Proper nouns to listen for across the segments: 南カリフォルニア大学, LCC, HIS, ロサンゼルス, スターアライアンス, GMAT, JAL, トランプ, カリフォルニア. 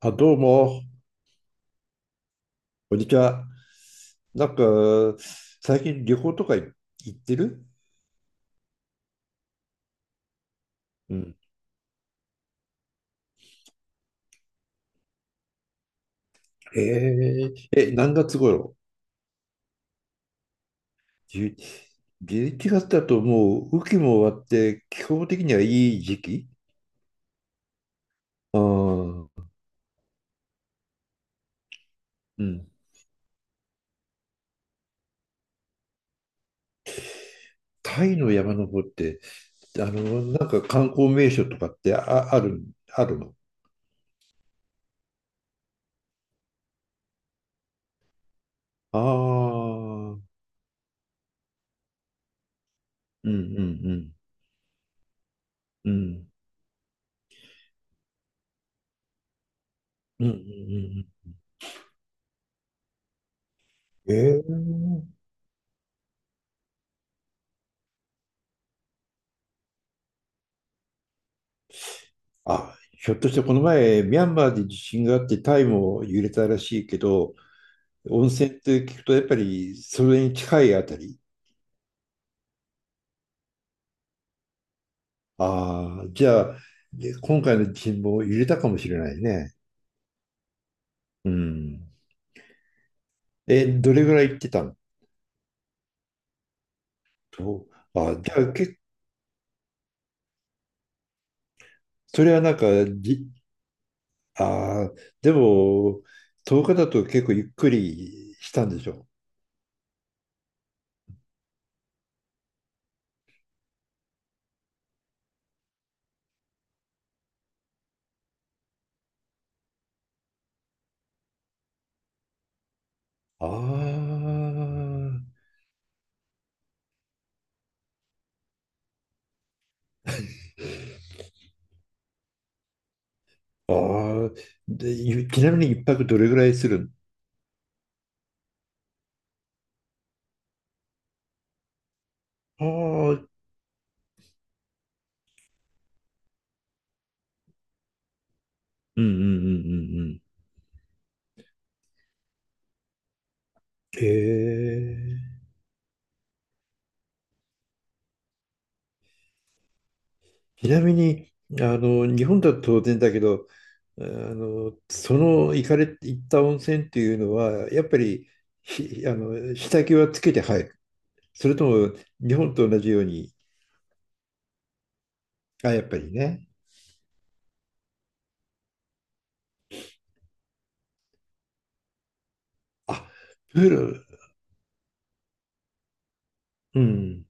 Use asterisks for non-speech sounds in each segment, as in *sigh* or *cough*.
あ、どうも、こんにちは。なんか、最近旅行とか行ってる？うん。へええ、何月頃？じゅ ?11 月だともう雨季も終わって、気候的にはいい時期。ああ。うん。タイの山登って、なんか観光名所とかってあ、ある、あるの？ああー。うんうんうん。うん。うんうんうんうん。ええ。あ、ひょっとしてこの前、ミャンマーで地震があってタイも揺れたらしいけど、温泉って聞くとやっぱりそれに近いあたり？ああ、じゃあ、で今回の地震も揺れたかもしれないね。うん。え、どれぐらい行ってたの？と、あ、じゃあ、それはなんか、じ、ああ、でも、10日だと結構ゆっくりしたんでしょう？ああ、ああ、で、ちなみに一泊どれぐらいするの？ああ。うんうんうんうんうん。へえ。ちなみに、日本だと当然だけど、その行かれ、行った温泉っていうのは、やっぱり、ひ、あの、下着はつけて入る？それとも、日本と同じように？あ、やっぱりね。あ、プール。うん。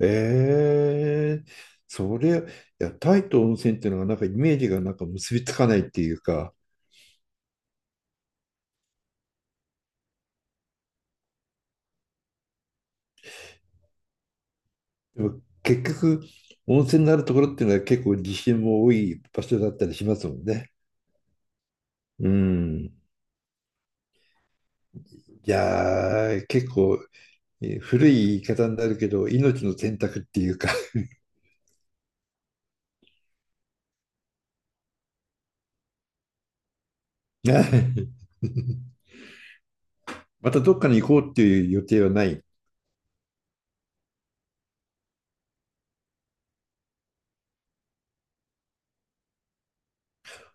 ええ。いや、タイと温泉っていうのがなんかイメージがなんか結びつかないっていうか。でも結局、温泉のあるところっていうのは結構地震も多い場所だったりしますもんね。うん。いやー、結構古い言い方になるけど、命の選択っていうか。 *laughs* またどっかに行こうっていう予定はない？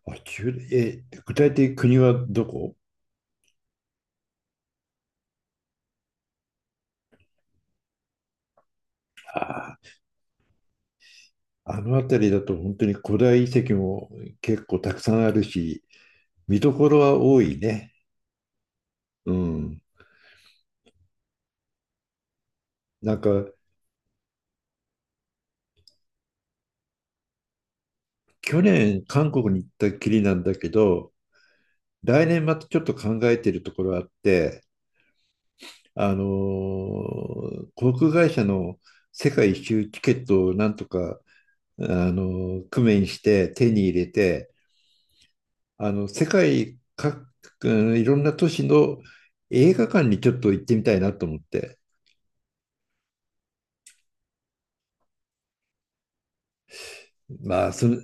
具体的に国はどこ？あー、あの辺りだと本当に古代遺跡も結構たくさんあるし、見どころは多いね。うん。なんか、去年韓国に行ったきりなんだけど、来年またちょっと考えているところあって、あのー航空会社の世界一周チケットをなんとか、工面して手に入れて、あの、世界各、うん、いろんな都市の映画館にちょっと行ってみたいなと思って。まあ、その、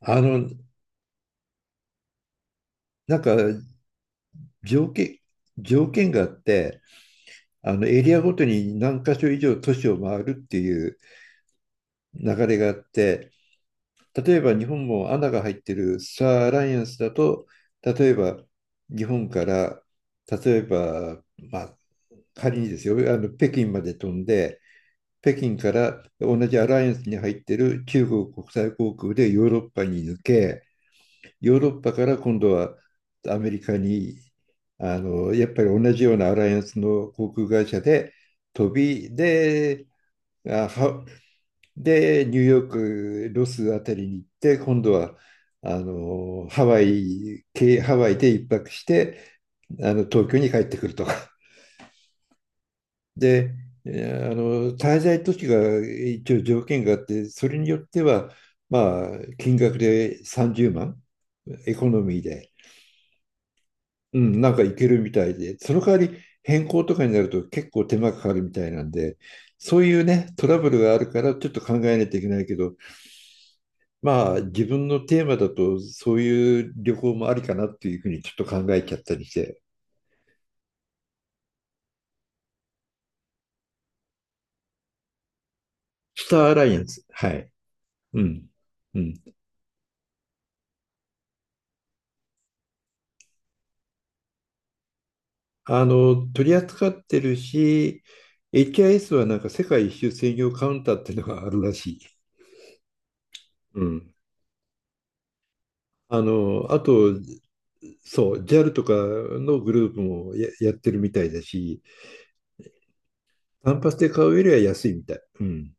あの、なんか条件、条件があって、エリアごとに何箇所以上都市を回るっていう流れがあって、例えば日本も穴が入ってるスターアライアンスだと、例えば日本から、例えば、まあ、仮にですよ、北京まで飛んで、北京から同じアライアンスに入ってる中国国際航空でヨーロッパに抜け、ヨーロッパから今度はアメリカに、やっぱり同じようなアライアンスの航空会社で飛び、で、あハで、ニューヨーク、ロスあたりに行って、今度はハワイで一泊して、東京に帰ってくるとか。*laughs* で、滞在都市が一応条件があって、それによっては、まあ、金額で30万、エコノミーで、うん、なんかいけるみたいで、その代わり変更とかになると結構手間かかるみたいなんで、そういうね、トラブルがあるからちょっと考えないといけないけど、まあ、自分のテーマだと、そういう旅行もありかなっていうふうにちょっと考えちゃったりして。スターアライアンス。はい。うん。うん。取り扱ってるし、HIS はなんか世界一周専用カウンターっていうのがあるらしい。うん。あと、そう、JAL とかのグループもやってるみたいだし、単発で買うよりは安いみたい。うん。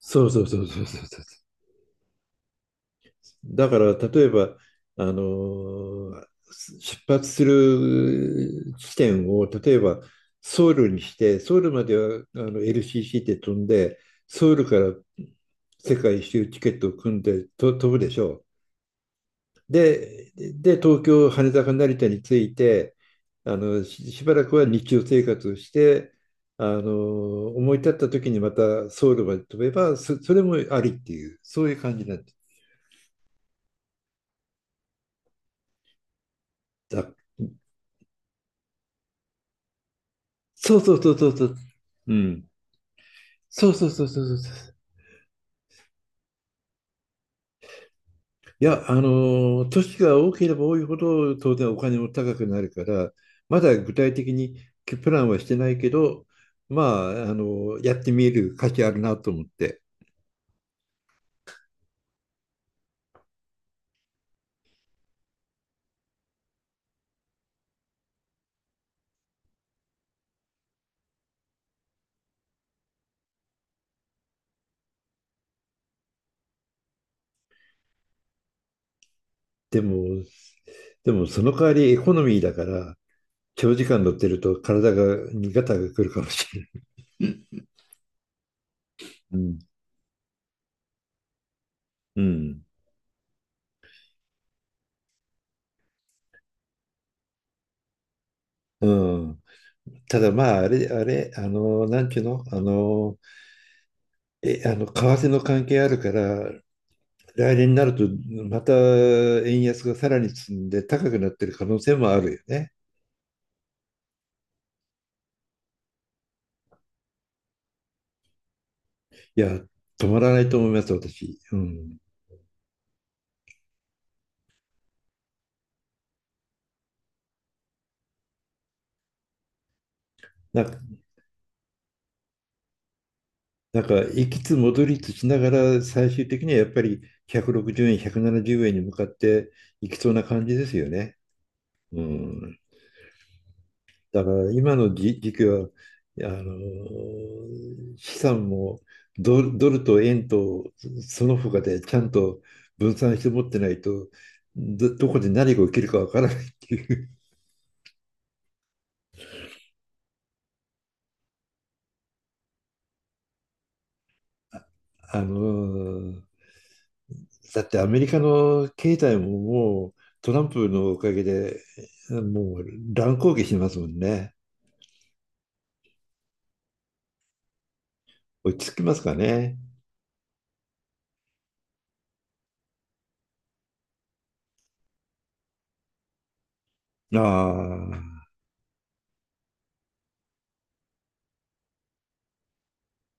そうそうそうそうそうそう。だから例えばあのー出発する地点を例えばソウルにしてソウルまではLCC で飛んでソウルから世界一周チケットを組んでと飛ぶでしょう。で、東京羽田か成田に着いてしばらくは日常生活をして思い立った時にまたソウルまで飛べばそれもありっていうそういう感じなんだ。そうそうそうそうそう。うん。そうそうそうそうそうそう。いや、年が多ければ多いほど当然お金も高くなるから、まだ具体的にプランはしてないけど、まあ、やってみる価値あるなと思って。でも、でも、その代わりエコノミーだから、長時間乗ってるとにガがくるかもしれない。うん。うん。うん。ただまあ、あれ、なんちゅうの、あのえ、あの、為替の関係あるから、来年になると、また円安がさらに進んで高くなってる可能性もあるよね。いや、止まらないと思います、私。うん。なんか、なんか行きつ戻りつしながら、最終的にはやっぱり160円、170円に向かっていきそうな感じですよね。うん。だから今の時期はあの資産もドルと円とその他でちゃんと分散して持ってないとどこで何が起きるかわからないっていう。*laughs* あのだってアメリカの経済ももうトランプのおかげでもう乱高下しますもんね。落ち着きますかね。ああ、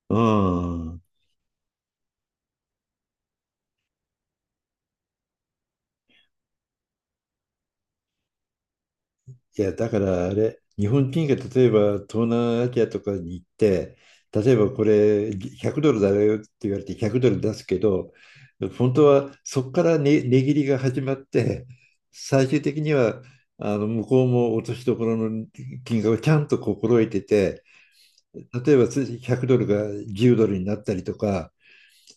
うん。いや、だからあれ、日本人が例えば東南アジアとかに行って、例えばこれ100ドルだよって言われて100ドル出すけど、本当はそこからね、値切りが始まって、最終的にはあの向こうも落としどころの金額をちゃんと心得てて、例えば100ドルが10ドルになったりとか、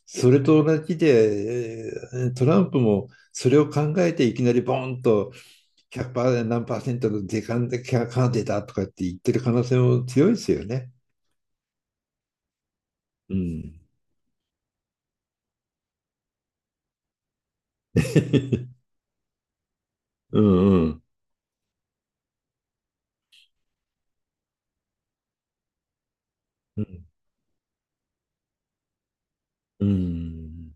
それと同じで、トランプもそれを考えていきなりボーンと100%何パーセントの時間でキャカーデだとかって言ってる可能性も強いですよね。うん。*laughs* うんうん。うんうん。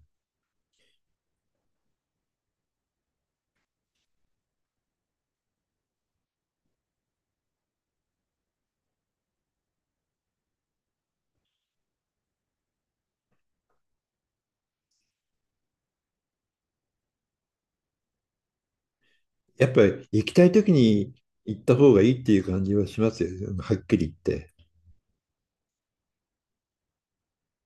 やっぱり行きたい時に行った方がいいっていう感じはしますよ。はっきり言って。